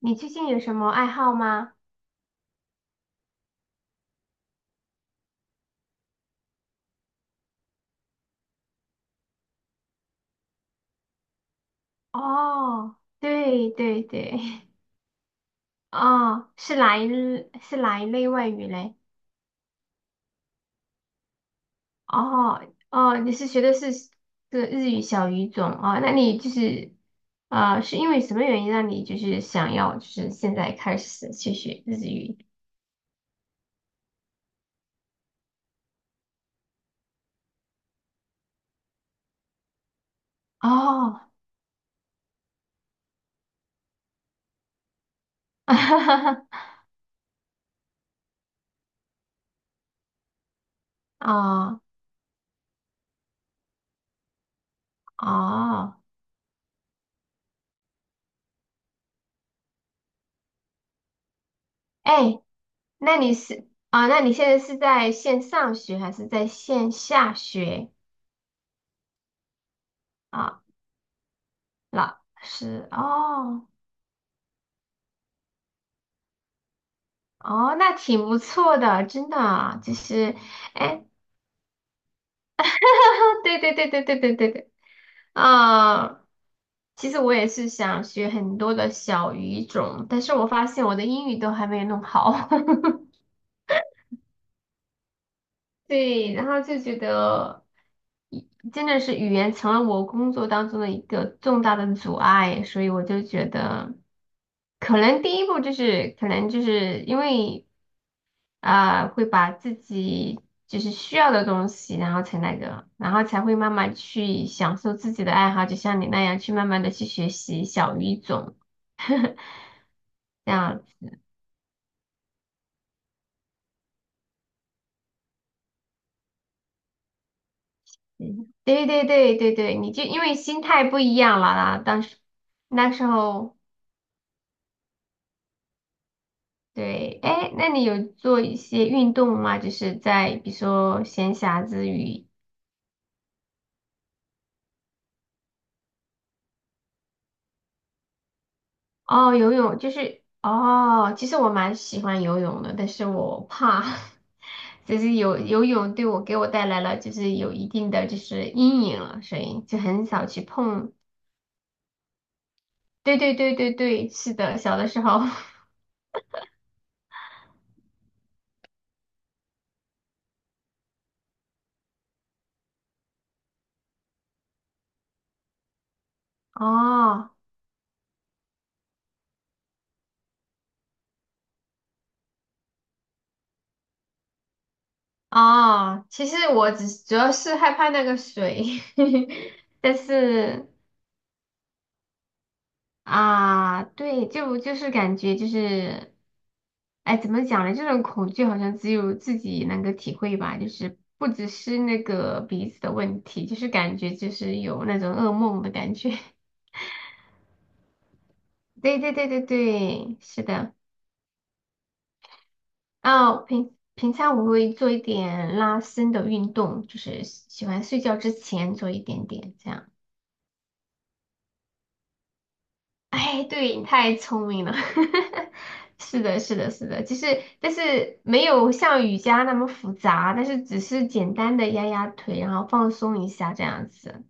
你最近有什么爱好吗？哦，对对对，哦，是哪一类外语嘞？哦哦，你是学的是这个日语小语种哦？那你就是是因为什么原因让你就是想要就是现在开始去学日语？哦，哦哦，哎，那你现在是在线上学还是在线下学？啊？老师哦哦，那挺不错的，真的啊，就是哎，对对对对对对对对，啊、其实我也是想学很多的小语种，但是我发现我的英语都还没有弄好，对，然后就觉得真的是语言成了我工作当中的一个重大的阻碍，所以我就觉得可能第一步就是可能就是因为。啊，会把自己就是需要的东西，然后才那个，然后才会慢慢去享受自己的爱好，就像你那样去慢慢的去学习小语种，这样子。对对对对对，你就因为心态不一样了啦，那时候对，哎，那你有做一些运动吗？就是在比如说闲暇之余。哦，游泳就是哦，其实我蛮喜欢游泳的，但是我怕，就是游泳对我给我带来了就是有一定的就是阴影了，所以就很少去碰。对对对对对，是的，小的时候。哦哦，其实我只主要是害怕那个水，但是啊，对，就是感觉就是，哎，怎么讲呢？这种恐惧好像只有自己能够体会吧，就是不只是那个鼻子的问题，就是感觉就是有那种噩梦的感觉。对对对对对，是的。哦，平常我会做一点拉伸的运动，就是喜欢睡觉之前做一点点这样。哎，对，你太聪明了。是的，是的，是的，就是但是没有像瑜伽那么复杂，但是只是简单的压压腿，然后放松一下这样子。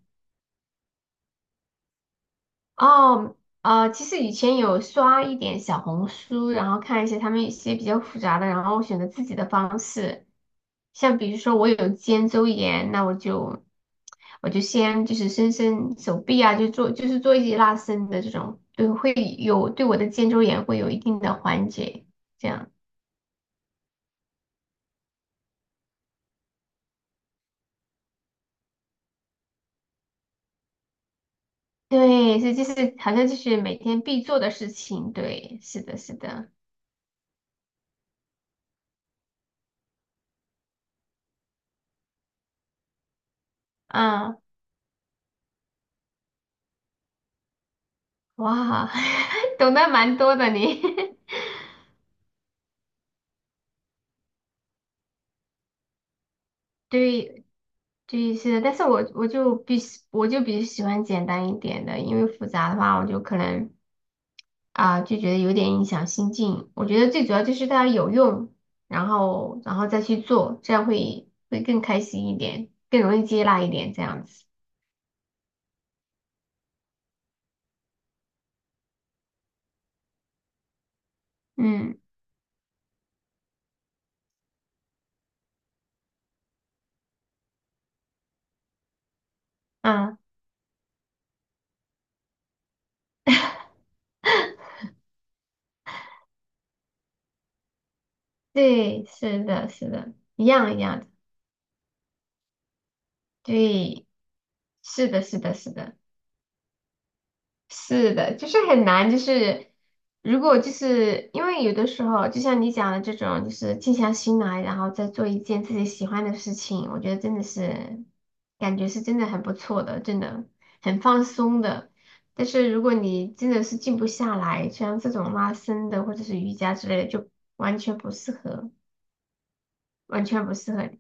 哦，其实以前有刷一点小红书，然后看一些他们一些比较复杂的，然后选择自己的方式。像比如说我有肩周炎，那我就先就是伸伸手臂啊，就是做一些拉伸的这种，对，会有对我的肩周炎会有一定的缓解。这样，对，所以就是好像就是每天必做的事情。对，是的，是的，啊，哇，懂得蛮多的你。对，对，是的，但是我就比较喜欢简单一点的，因为复杂的话，我就可能。啊，就觉得有点影响心境。我觉得最主要就是它有用，然后再去做，这样会更开心一点，更容易接纳一点这样子。嗯啊，对，是的，是的，一样一样的，对，是的，是的，是的。是的，就是很难，就是如果就是因为有的时候，就像你讲的这种，就是静下心来，然后再做一件自己喜欢的事情，我觉得真的是感觉是真的很不错的，真的很放松的。但是如果你真的是静不下来，像这种拉伸的或者是瑜伽之类的，就完全不适合，完全不适合。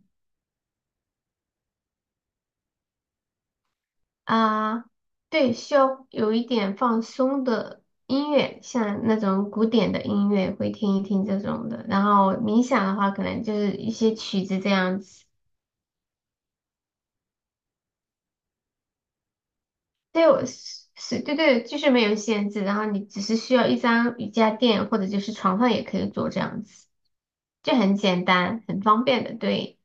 啊，对，需要有一点放松的音乐，像那种古典的音乐会听一听这种的。然后冥想的话，可能就是一些曲子这样子。对，我是，对对，就是没有限制，然后你只是需要一张瑜伽垫或者就是床上也可以做这样子，就很简单，很方便的，对。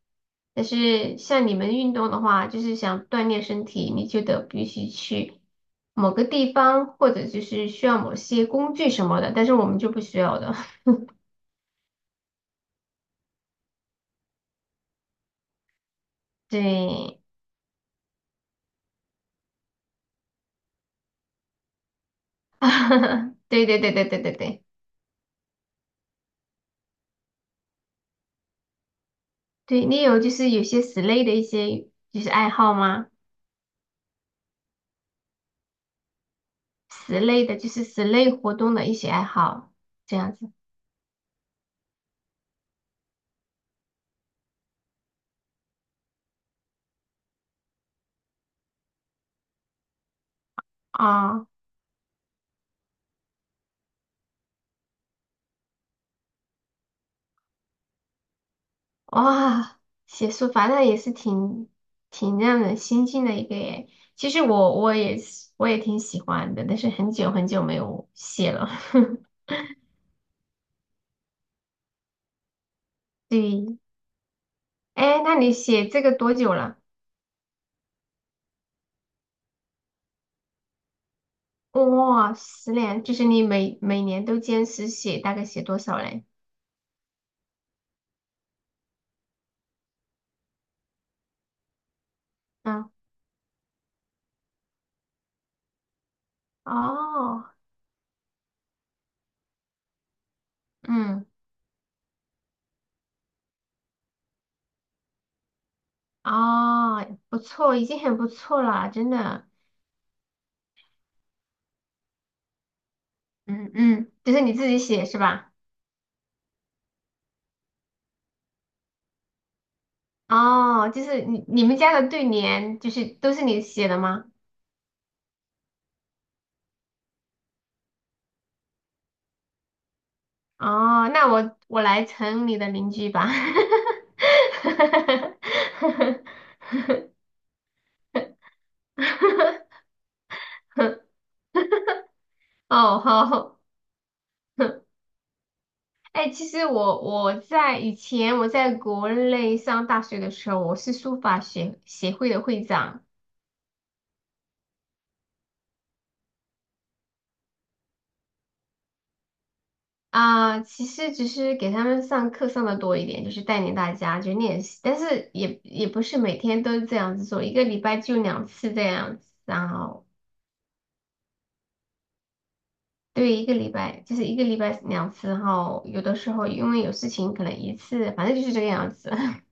但是像你们运动的话，就是想锻炼身体，你就得必须去某个地方，或者就是需要某些工具什么的，但是我们就不需要的。对，对对对对对对对，对你有就是有些室内的一些就是爱好吗？此类的，就是此类活动的一些爱好，这样子啊，哇，写书法那也是挺让人心静的一个耶。其实我也挺喜欢的，但是很久很久没有写了。对，哎，那你写这个多久了？哇，10年，就是你每年都坚持写，大概写多少嘞？嗯，哦，嗯，哦，不错，已经很不错了，真的。嗯嗯，就是你自己写是吧？哦，就是你们家的对联，就是都是你写的吗？哦，那我来成你的邻居吧。哦，好，哎，其实我在以前在国内上大学的时候，我是书法协会的会长。啊，其实只是给他们上课上的多一点，就是带领大家去练习，但是也不是每天都这样子做，一个礼拜就两次这样子，然后对一个礼拜两次，然后有的时候因为有事情可能一次，反正就是这个样子。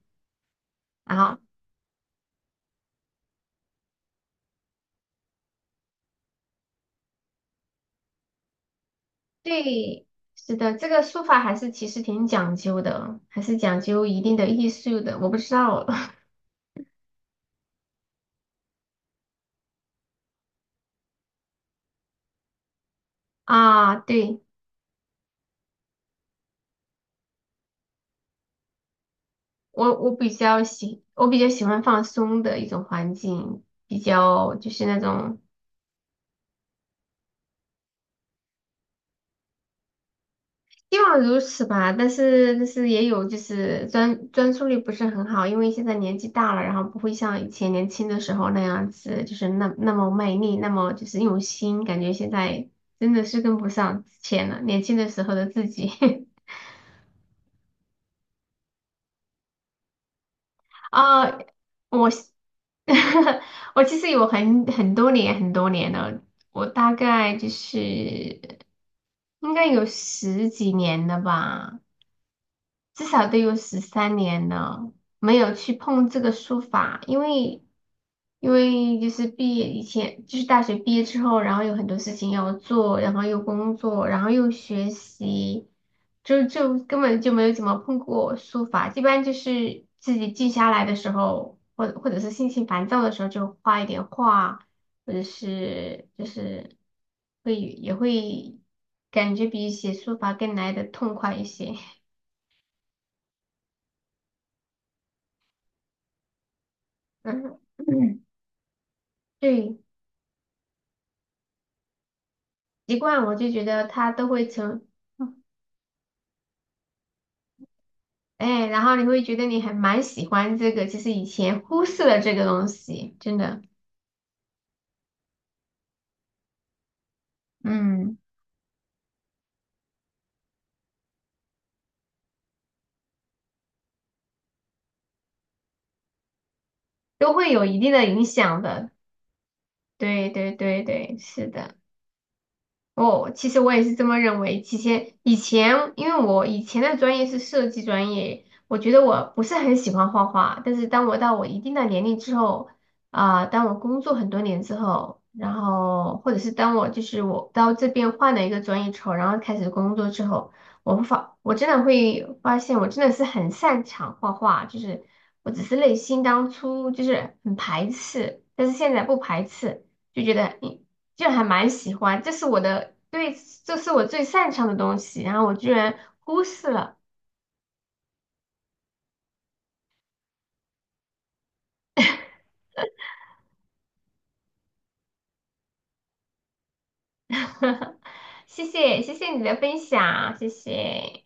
然后对，是的，这个书法还是其实挺讲究的，还是讲究一定的艺术的，我不知道 啊，对。我比较喜欢放松的一种环境，比较就是那种希望如此吧。但是也有就是专注力不是很好，因为现在年纪大了，然后不会像以前年轻的时候那样子，就是那么卖力，那么就是用心，感觉现在真的是跟不上之前了，年轻的时候的自己。啊、我 我其实有很多年很多年了，我大概就是应该有十几年了吧。至少得有13年了，没有去碰这个书法，因为就是毕业以前，就是大学毕业之后，然后有很多事情要做，然后又工作，然后又学习，就根本就没有怎么碰过书法，一般就是自己静下来的时候，或者是心情烦躁的时候，就画一点画，或者是就是会也会感觉比写书法更来的痛快一些。嗯，嗯对，习惯我就觉得它都会成，嗯哎，然后你会觉得你还蛮喜欢这个，其实以前忽视了这个东西，真的，嗯，都会有一定的影响的。对对对对，是的。哦，其实我也是这么认为。其实以前，因为我以前的专业是设计专业，我觉得我不是很喜欢画画。但是当我到我一定的年龄之后，啊、当我工作很多年之后，然后或者是当我就是到这边换了一个专业之后，然后开始工作之后，我真的会发现我真的是很擅长画画，就是我只是内心当初就是很排斥，但是现在不排斥，就觉得。就还蛮喜欢，这是我的，对，这是我最擅长的东西，然后我居然忽视了，谢谢，谢谢你的分享，谢谢。